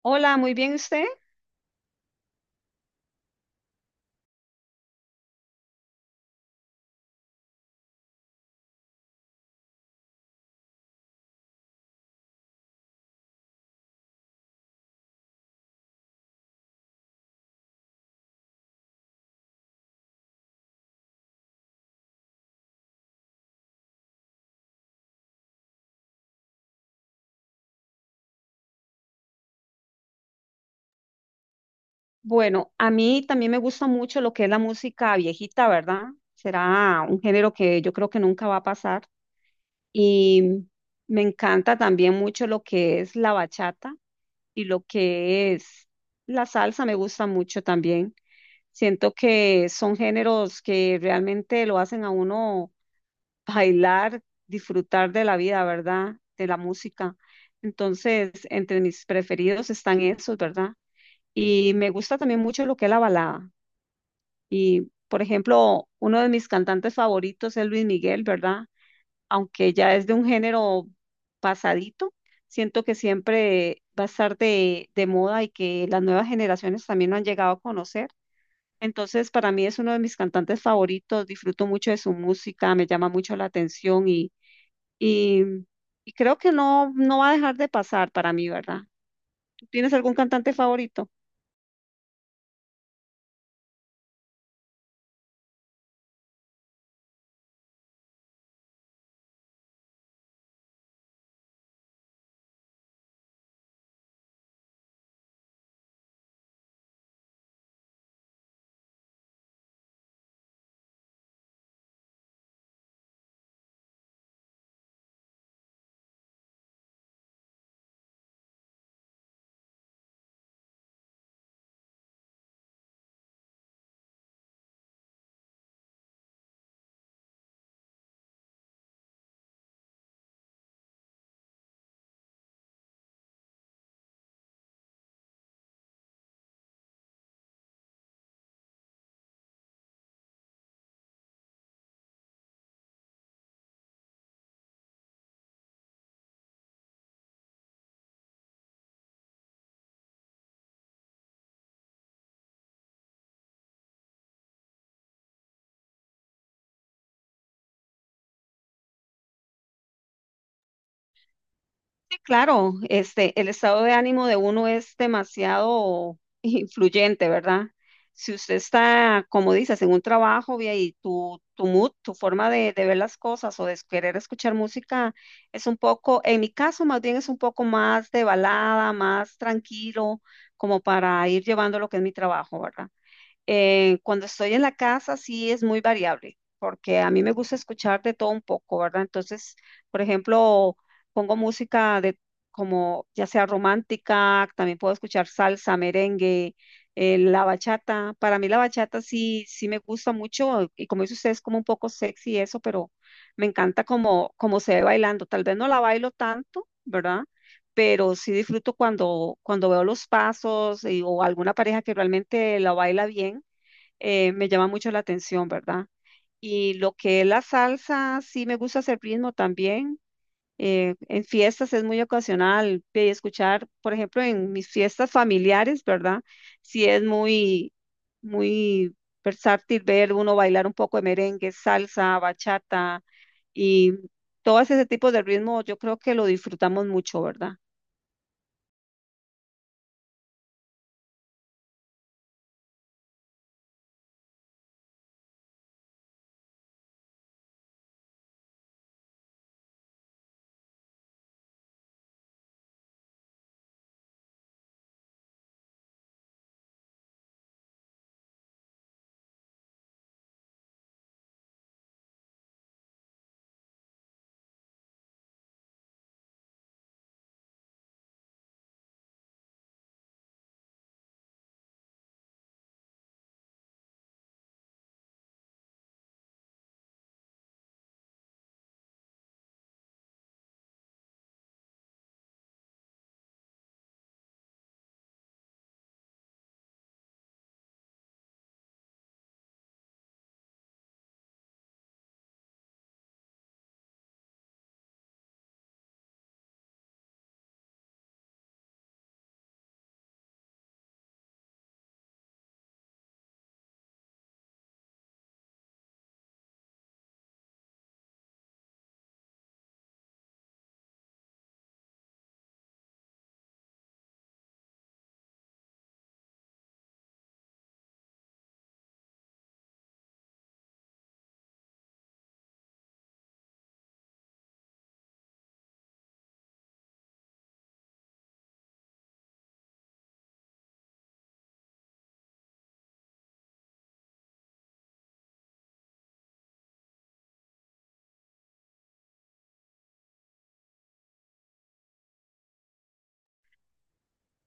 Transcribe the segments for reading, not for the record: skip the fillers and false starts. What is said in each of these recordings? Hola, muy bien usted. Bueno, a mí también me gusta mucho lo que es la música viejita, ¿verdad? Será un género que yo creo que nunca va a pasar. Y me encanta también mucho lo que es la bachata y lo que es la salsa, me gusta mucho también. Siento que son géneros que realmente lo hacen a uno bailar, disfrutar de la vida, ¿verdad? De la música. Entonces, entre mis preferidos están esos, ¿verdad? Y me gusta también mucho lo que es la balada. Y, por ejemplo, uno de mis cantantes favoritos es Luis Miguel, ¿verdad? Aunque ya es de un género pasadito, siento que siempre va a estar de moda y que las nuevas generaciones también lo han llegado a conocer. Entonces, para mí es uno de mis cantantes favoritos, disfruto mucho de su música, me llama mucho la atención y, y creo que no, no va a dejar de pasar para mí, ¿verdad? ¿Tú tienes algún cantante favorito? Sí, claro, este, el estado de ánimo de uno es demasiado influyente, ¿verdad? Si usted está, como dices, en un trabajo vía, y tu mood, tu forma de ver las cosas o de querer escuchar música es un poco, en mi caso más bien es un poco más de balada, más tranquilo, como para ir llevando lo que es mi trabajo, ¿verdad? Cuando estoy en la casa sí es muy variable, porque a mí me gusta escuchar de todo un poco, ¿verdad? Entonces, por ejemplo, pongo música de como ya sea romántica, también puedo escuchar salsa, merengue, la bachata. Para mí la bachata sí, sí me gusta mucho y como dice usted es como un poco sexy y eso, pero me encanta como, como se ve bailando. Tal vez no la bailo tanto, ¿verdad? Pero sí disfruto cuando, cuando veo los pasos y- o alguna pareja que realmente la baila bien, me llama mucho la atención, ¿verdad? Y lo que es la salsa, sí me gusta hacer ritmo también. En fiestas es muy ocasional escuchar, por ejemplo, en mis fiestas familiares, ¿verdad? Sí es muy, muy versátil ver uno bailar un poco de merengue, salsa, bachata y todo ese tipo de ritmo, yo creo que lo disfrutamos mucho, ¿verdad?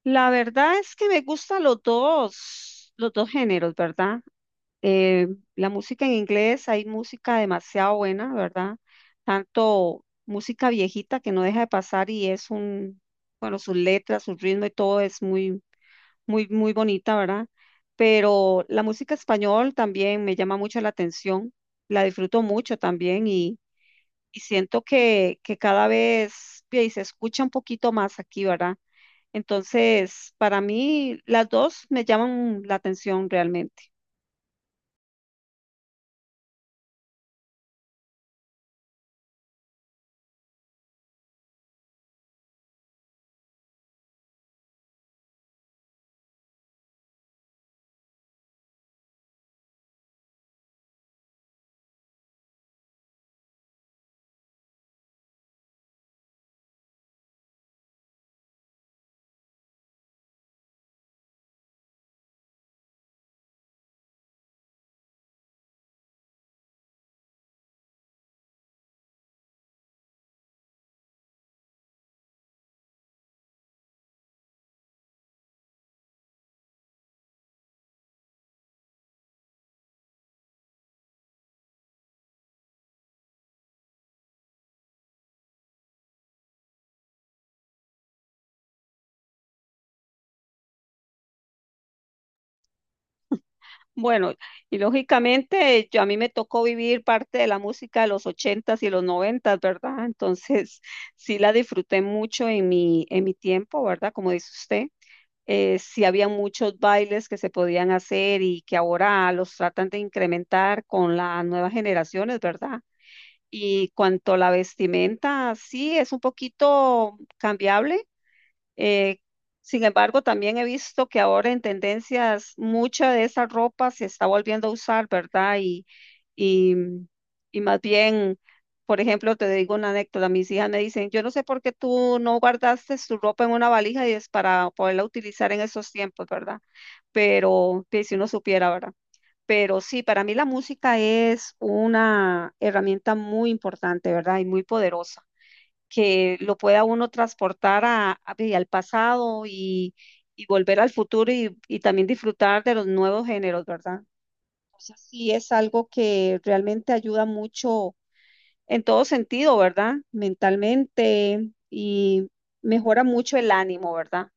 La verdad es que me gustan los dos géneros, ¿verdad? Eh, la música en inglés, hay música demasiado buena, ¿verdad? Tanto música viejita que no deja de pasar y es un, bueno, sus letras, su ritmo y todo es muy, muy, muy bonita, ¿verdad? Pero la música español también me llama mucho la atención, la disfruto mucho también y siento que cada vez bien, se escucha un poquito más aquí, ¿verdad? Entonces, para mí, las dos me llaman la atención realmente. Bueno, y lógicamente yo a mí me tocó vivir parte de la música de los ochentas y los noventas, ¿verdad? Entonces sí la disfruté mucho en mi tiempo, ¿verdad? Como dice usted, sí había muchos bailes que se podían hacer y que ahora los tratan de incrementar con las nuevas generaciones, ¿verdad? Y cuanto a la vestimenta, sí es un poquito cambiable, eh, sin embargo, también he visto que ahora en tendencias mucha de esa ropa se está volviendo a usar, ¿verdad? Y, y más bien, por ejemplo, te digo una anécdota, mis hijas me dicen, yo no sé por qué tú no guardaste tu ropa en una valija y es para poderla utilizar en esos tiempos, ¿verdad? Pero que si uno supiera, ¿verdad? Pero sí, para mí la música es una herramienta muy importante, ¿verdad? Y muy poderosa que lo pueda uno transportar a- y al pasado y volver al futuro y también disfrutar de los nuevos géneros, ¿verdad? Entonces sí es algo que realmente ayuda mucho en todo sentido, ¿verdad? Mentalmente y mejora mucho el ánimo, ¿verdad?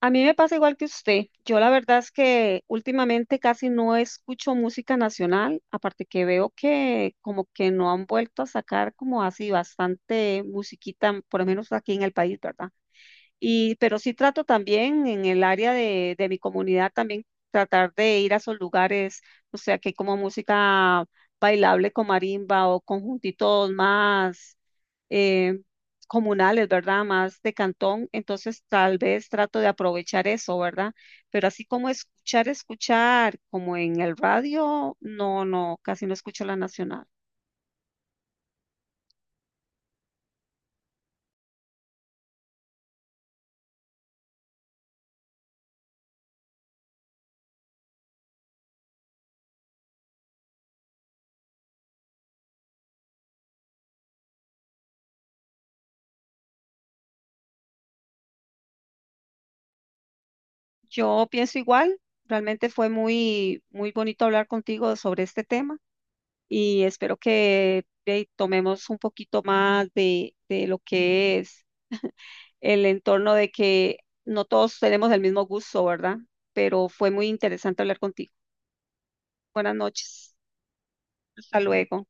A mí me pasa igual que usted. Yo la verdad es que últimamente casi no escucho música nacional, aparte que veo que como que no han vuelto a sacar como así bastante musiquita, por lo menos aquí en el país, ¿verdad? Y, pero sí trato también en el área de mi comunidad también tratar de ir a esos lugares, o sea, que hay como música bailable con marimba o conjuntitos más, eh, comunales, ¿verdad? Más de cantón. Entonces tal vez trato de aprovechar eso, ¿verdad? Pero así como escuchar, escuchar, como en el radio, no, no, casi no escucho la nacional. Yo pienso igual. Realmente fue muy, muy bonito hablar contigo sobre este tema. Y espero que tomemos un poquito más de lo que es el entorno de que no todos tenemos el mismo gusto, ¿verdad? Pero fue muy interesante hablar contigo. Buenas noches. Hasta luego.